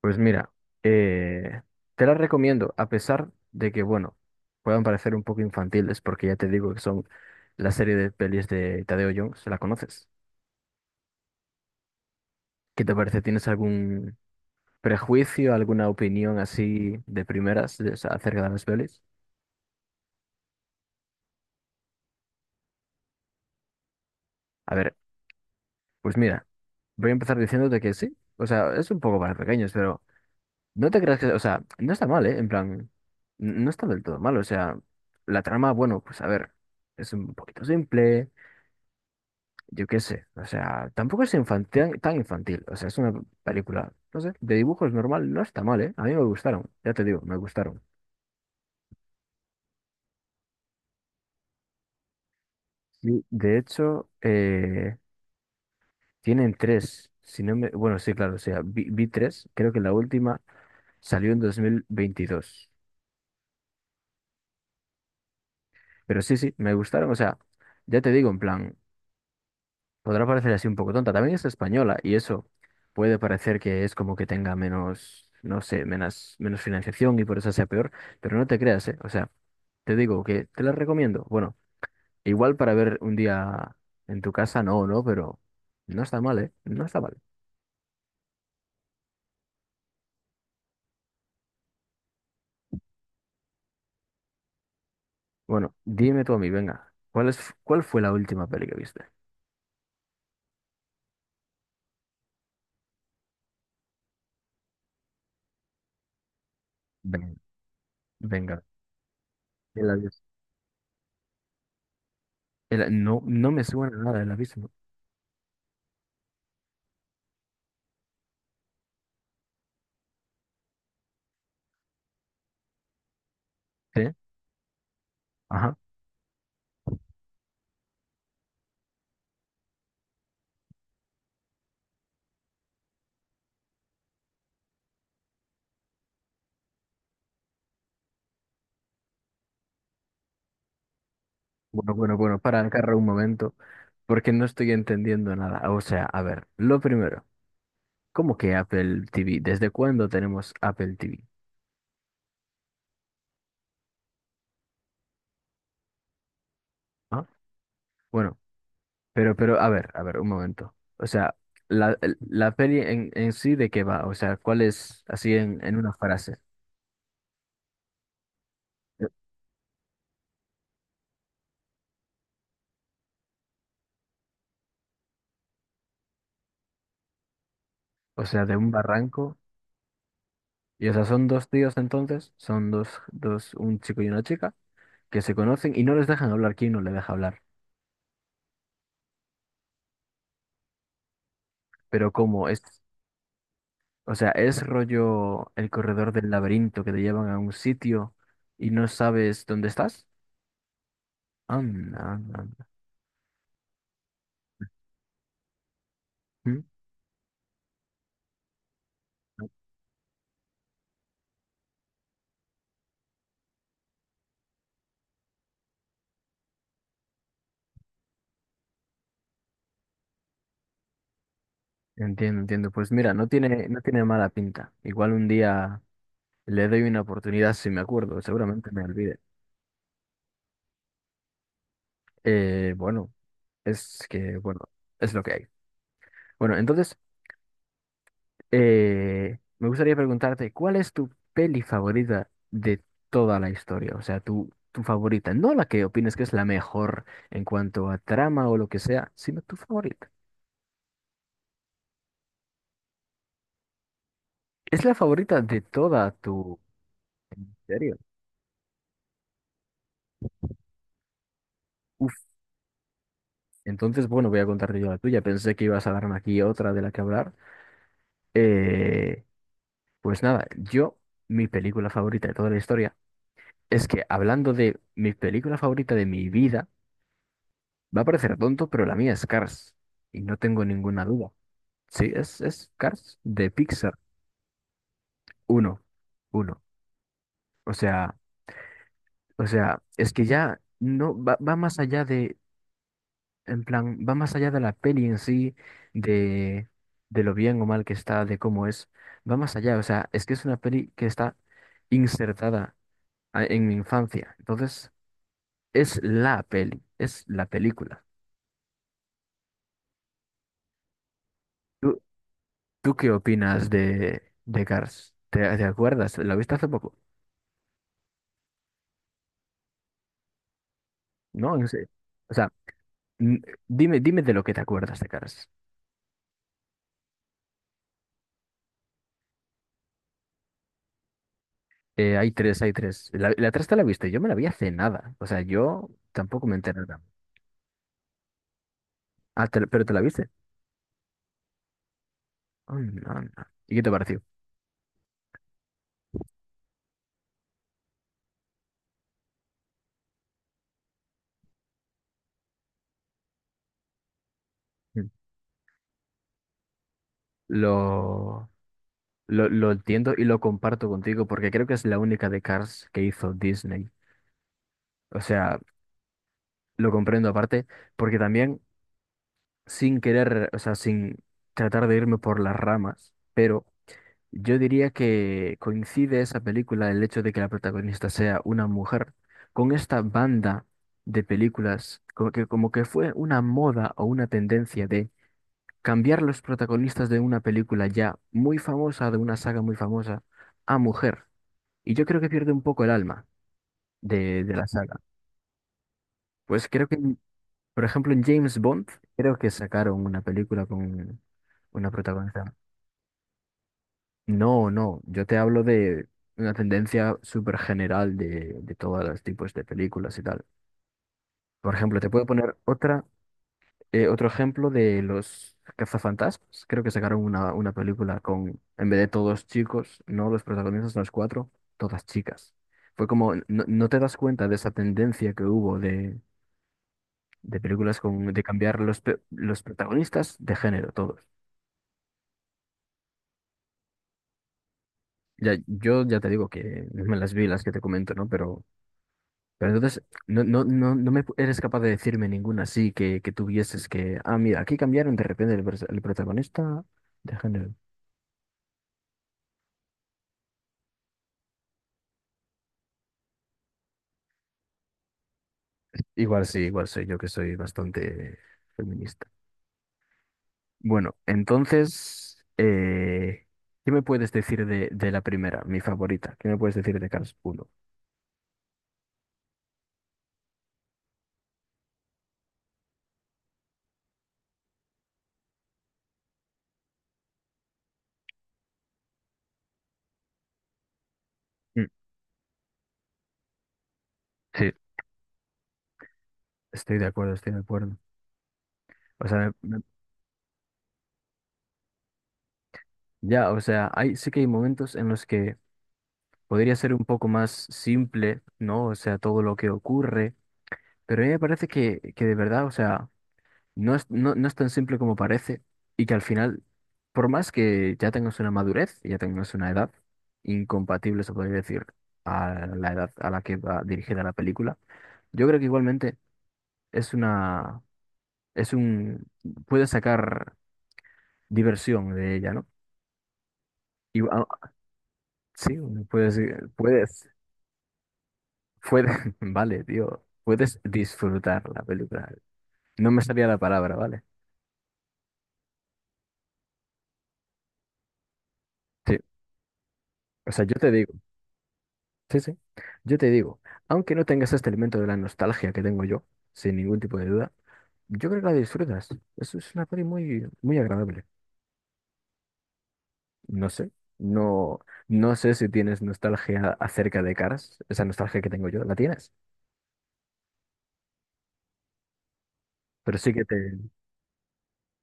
Pues mira, eh, te las recomiendo, a pesar de que, bueno, puedan parecer un poco infantiles, porque ya te digo que son la serie de pelis de Tadeo Jones, ¿la conoces? ¿Qué te parece? ¿Tienes algún prejuicio, alguna opinión así de primeras o sea, acerca de las pelis? A ver, pues mira, voy a empezar diciéndote que sí, o sea, es un poco para pequeños, pero no te creas que, o sea, no está mal, ¿eh? En plan, no está del todo mal, o sea, la trama, bueno, pues a ver, es un poquito simple. Yo qué sé, o sea, tampoco es infantil, tan infantil, o sea, es una película, no sé, de dibujos normal, no está mal, ¿eh? A mí me gustaron, ya te digo, me gustaron. Y de hecho, tienen tres, si no me, bueno, sí, claro, o sea, vi tres, creo que la última salió en 2022, pero sí, sí, me gustaron, o sea, ya te digo, en plan, podrá parecer así un poco tonta. También es española y eso puede parecer que es como que tenga menos, no sé, menos, menos financiación y por eso sea peor, pero no te creas, ¿eh? O sea, te digo que te la recomiendo. Bueno, igual para ver un día en tu casa, no, no, pero no está mal, ¿eh? No está mal. Bueno, dime tú a mí, venga, cuál fue la última peli que viste? Ven- Venga, el abismo. No, no me suena nada el abismo. ¿Sí? Ajá. Bueno, bueno, bueno, para acá un momento. Porque no estoy entendiendo nada. O sea, a ver, lo primero, ¿cómo que Apple TV? ¿Desde cuándo tenemos Apple TV? ¿Ah? Bueno, pero, a ver, un momento. O sea, la peli en sí de qué va, o sea, ¿cuál es así en una frase? Eh, O sea, de un barranco. Y o sea, son dos tíos entonces, son dos, un chico y una chica, que se conocen y no les dejan hablar, ¿quién no le deja hablar? Pero como es. O sea, es rollo el corredor del laberinto que te llevan a un sitio y no sabes dónde estás. Anda, anda, anda. Mm. Entiendo, entiendo. Pues mira, no tiene mala pinta. Igual un día le doy una oportunidad si me acuerdo, seguramente me olvide. Bueno, es que, bueno, es lo que hay. Bueno, entonces, me gustaría preguntarte, ¿cuál es tu peli favorita de toda la historia? O sea, tu favorita, no la que opines que es la mejor en cuanto a trama o lo que sea, sino tu favorita. Es la favorita de toda tu serie. Uf, entonces, bueno, voy a contarte yo la tuya. Pensé que ibas a darme aquí otra de la que hablar. Eh, pues nada, yo, mi película favorita de toda la historia, es que hablando de mi película favorita de mi vida, va a parecer tonto, pero la mía es Cars. Y no tengo ninguna duda. Sí, es Cars de Pixar. Uno. Uno. O sea, o sea, es que ya no va, va más allá de, en plan, va más allá de la peli en sí, de, de lo bien o mal que está, de cómo es. Va más allá. O sea, es que es una peli que está insertada en mi infancia. Entonces, es la peli, es la película. ¿Tú, ¿Tú qué opinas de Cars? ¿Te, te acuerdas? ¿La viste hace poco? No, no sé. O sea, n- dime, dime de lo que te acuerdas de Cars. Hay tres, hay tres. La tres te la viste, yo me la vi hace nada. O sea, yo tampoco me enteré nada. Ah, te pero te la viste. Oh, no, no. ¿Y qué te pareció? Mm. Lo, lo entiendo y lo comparto contigo porque creo que es la única de Cars que hizo Disney. O sea, lo comprendo aparte porque también sin querer, o sea, sin tratar de irme por las ramas, pero yo diría que coincide esa película, el hecho de que la protagonista sea una mujer, con esta banda de películas, como que fue una moda o una tendencia de cambiar los protagonistas de una película ya muy famosa, de una saga muy famosa, a mujer. Y yo creo que pierde un poco el alma de la saga. Pues creo que, por ejemplo, en James Bond, creo que sacaron una película con una protagonista. No, no, yo te hablo de una tendencia súper general de todos los tipos de películas y tal. Por ejemplo, te puedo poner otra, otro ejemplo de los cazafantasmas. Creo que sacaron una película con, en vez de todos chicos, no, los protagonistas, los cuatro, todas chicas. Fue como, no, no te das cuenta de esa tendencia que hubo de películas con, de cambiar los, los protagonistas de género, todos. Ya, yo ya te digo que me las vi, las que te comento, ¿no? Pero entonces, no, no, no, no me eres capaz de decirme ninguna así que tuvieses que, ah, mira, aquí cambiaron de repente el, el protagonista de género. Igual sí, igual soy yo que soy bastante feminista. Bueno, entonces, ¿qué me puedes decir de la primera, mi favorita? ¿Qué me puedes decir de Cars uno? Mm. Sí, estoy de acuerdo, estoy de acuerdo. O sea, ya, o sea, hay, sí que hay momentos en los que podría ser un poco más simple, ¿no? O sea, todo lo que ocurre. Pero a mí me parece que de verdad, o sea, no es, no, no es tan simple como parece y que al final, por más que ya tengas una madurez, ya tengas una edad incompatible, se podría decir, a la edad a la que va dirigida la película, yo creo que igualmente es una, es un, puedes sacar diversión de ella, ¿no? Y, ah, sí, puedes, puedes, puedes, vale, tío, puedes disfrutar la película. No me salía la palabra, ¿vale? Sí, o sea, yo te digo. Sí, sí. Yo te digo, aunque no tengas este elemento de la nostalgia que tengo yo, sin ningún tipo de duda, yo creo que la disfrutas. Eso es una peli muy, muy agradable. No sé, no, no sé si tienes nostalgia acerca de Cars, esa nostalgia que tengo yo, la tienes. Pero sí que te...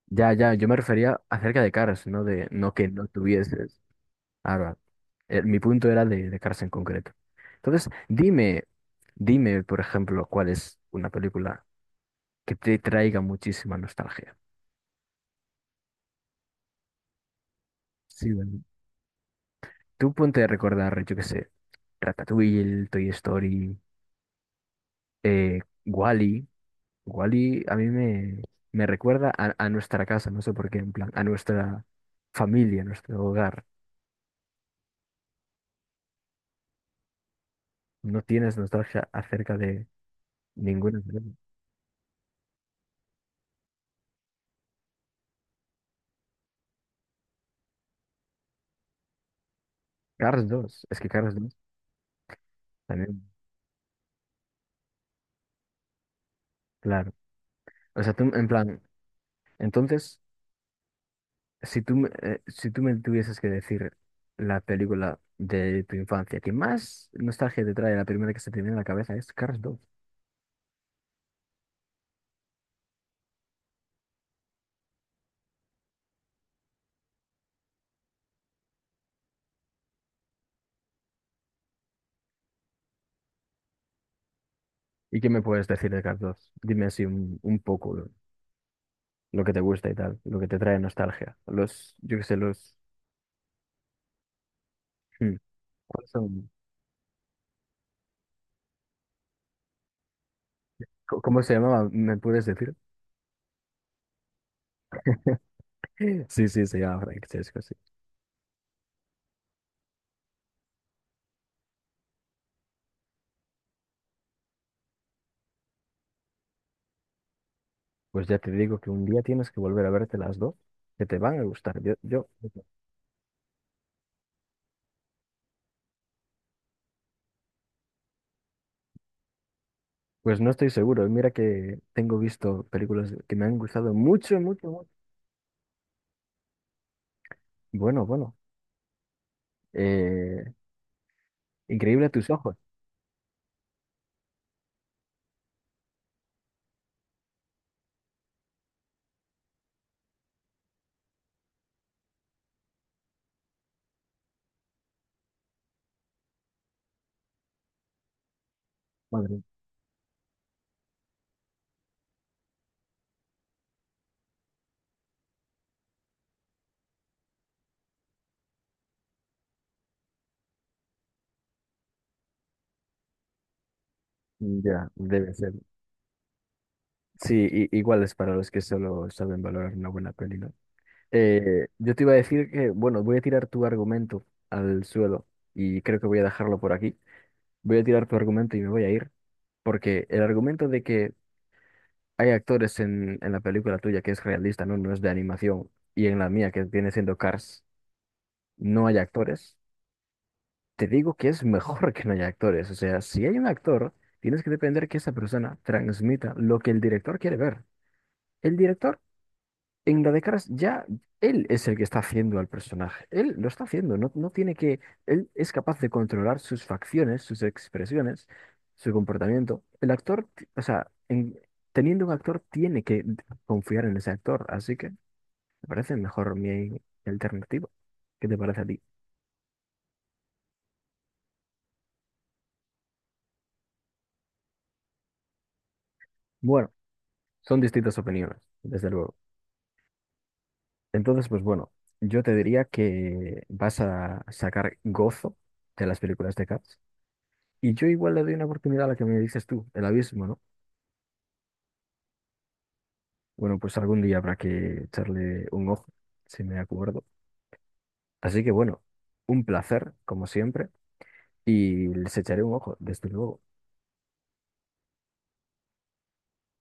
Ya, ya, yo me refería acerca de Cars, no de, no que no tuvieses. Ahora, mi punto era de Cars en concreto. Entonces, dime, dime, por ejemplo, cuál es una película que te traiga muchísima nostalgia. Sí, tú ponte a recordar, yo qué sé, Ratatouille, Toy Story, eh, Wall-E. Wall-E a mí me recuerda a nuestra casa, no sé por qué, en plan, a nuestra familia, a nuestro hogar. No tienes nostalgia acerca de ninguna. De ellas. Cars 2, es que Cars 2 también, claro. O sea, tú, en plan, entonces, si tú, si tú me tuvieses que decir la película de tu infancia que más nostalgia te trae, la primera que se te viene a la cabeza es Cars. ¿Y qué me puedes decir de Carlos? Dime así un poco lo que te gusta y tal, lo que te trae nostalgia. Los, yo qué sé, los... Hmm, ¿cuáles son? ¿Cómo se llamaba? ¿Me puedes decir? Sí, sí, se llama Francesco, sí. Pues ya te digo que un día tienes que volver a verte las dos, que te van a gustar. Yo, pues no estoy seguro. Mira que tengo visto películas que me han gustado mucho, mucho, mucho. Bueno, bueno. Eh, increíble tus ojos. Madre, ya, debe ser. Sí, igual es para los que solo saben valorar una buena peli, ¿no? Yo te iba a decir que, bueno, voy a tirar tu argumento al suelo y creo que voy a dejarlo por aquí. Voy a tirar tu argumento y me voy a ir, porque el argumento de que hay actores en la película tuya que es realista, ¿no? No es de animación, y en la mía, que viene siendo Cars, no hay actores. Te digo que es mejor que no haya actores. O sea, si hay un actor, tienes que depender que esa persona transmita lo que el director quiere ver. El director. En la de ya él es el que está haciendo al personaje. Él lo está haciendo, no, no tiene que. Él es capaz de controlar sus facciones, sus expresiones, su comportamiento. El actor, o sea, teniendo un actor, tiene que confiar en ese actor. Así que me parece mejor mi alternativa. ¿Qué te parece a ti? Bueno, son distintas opiniones, desde luego. Entonces, pues bueno, yo te diría que vas a sacar gozo de las películas de Cars. Y yo igual le doy una oportunidad a la que me dices tú, el abismo, ¿no? Bueno, pues algún día habrá que echarle un ojo, si me acuerdo. Así que bueno, un placer, como siempre, y les echaré un ojo, desde luego.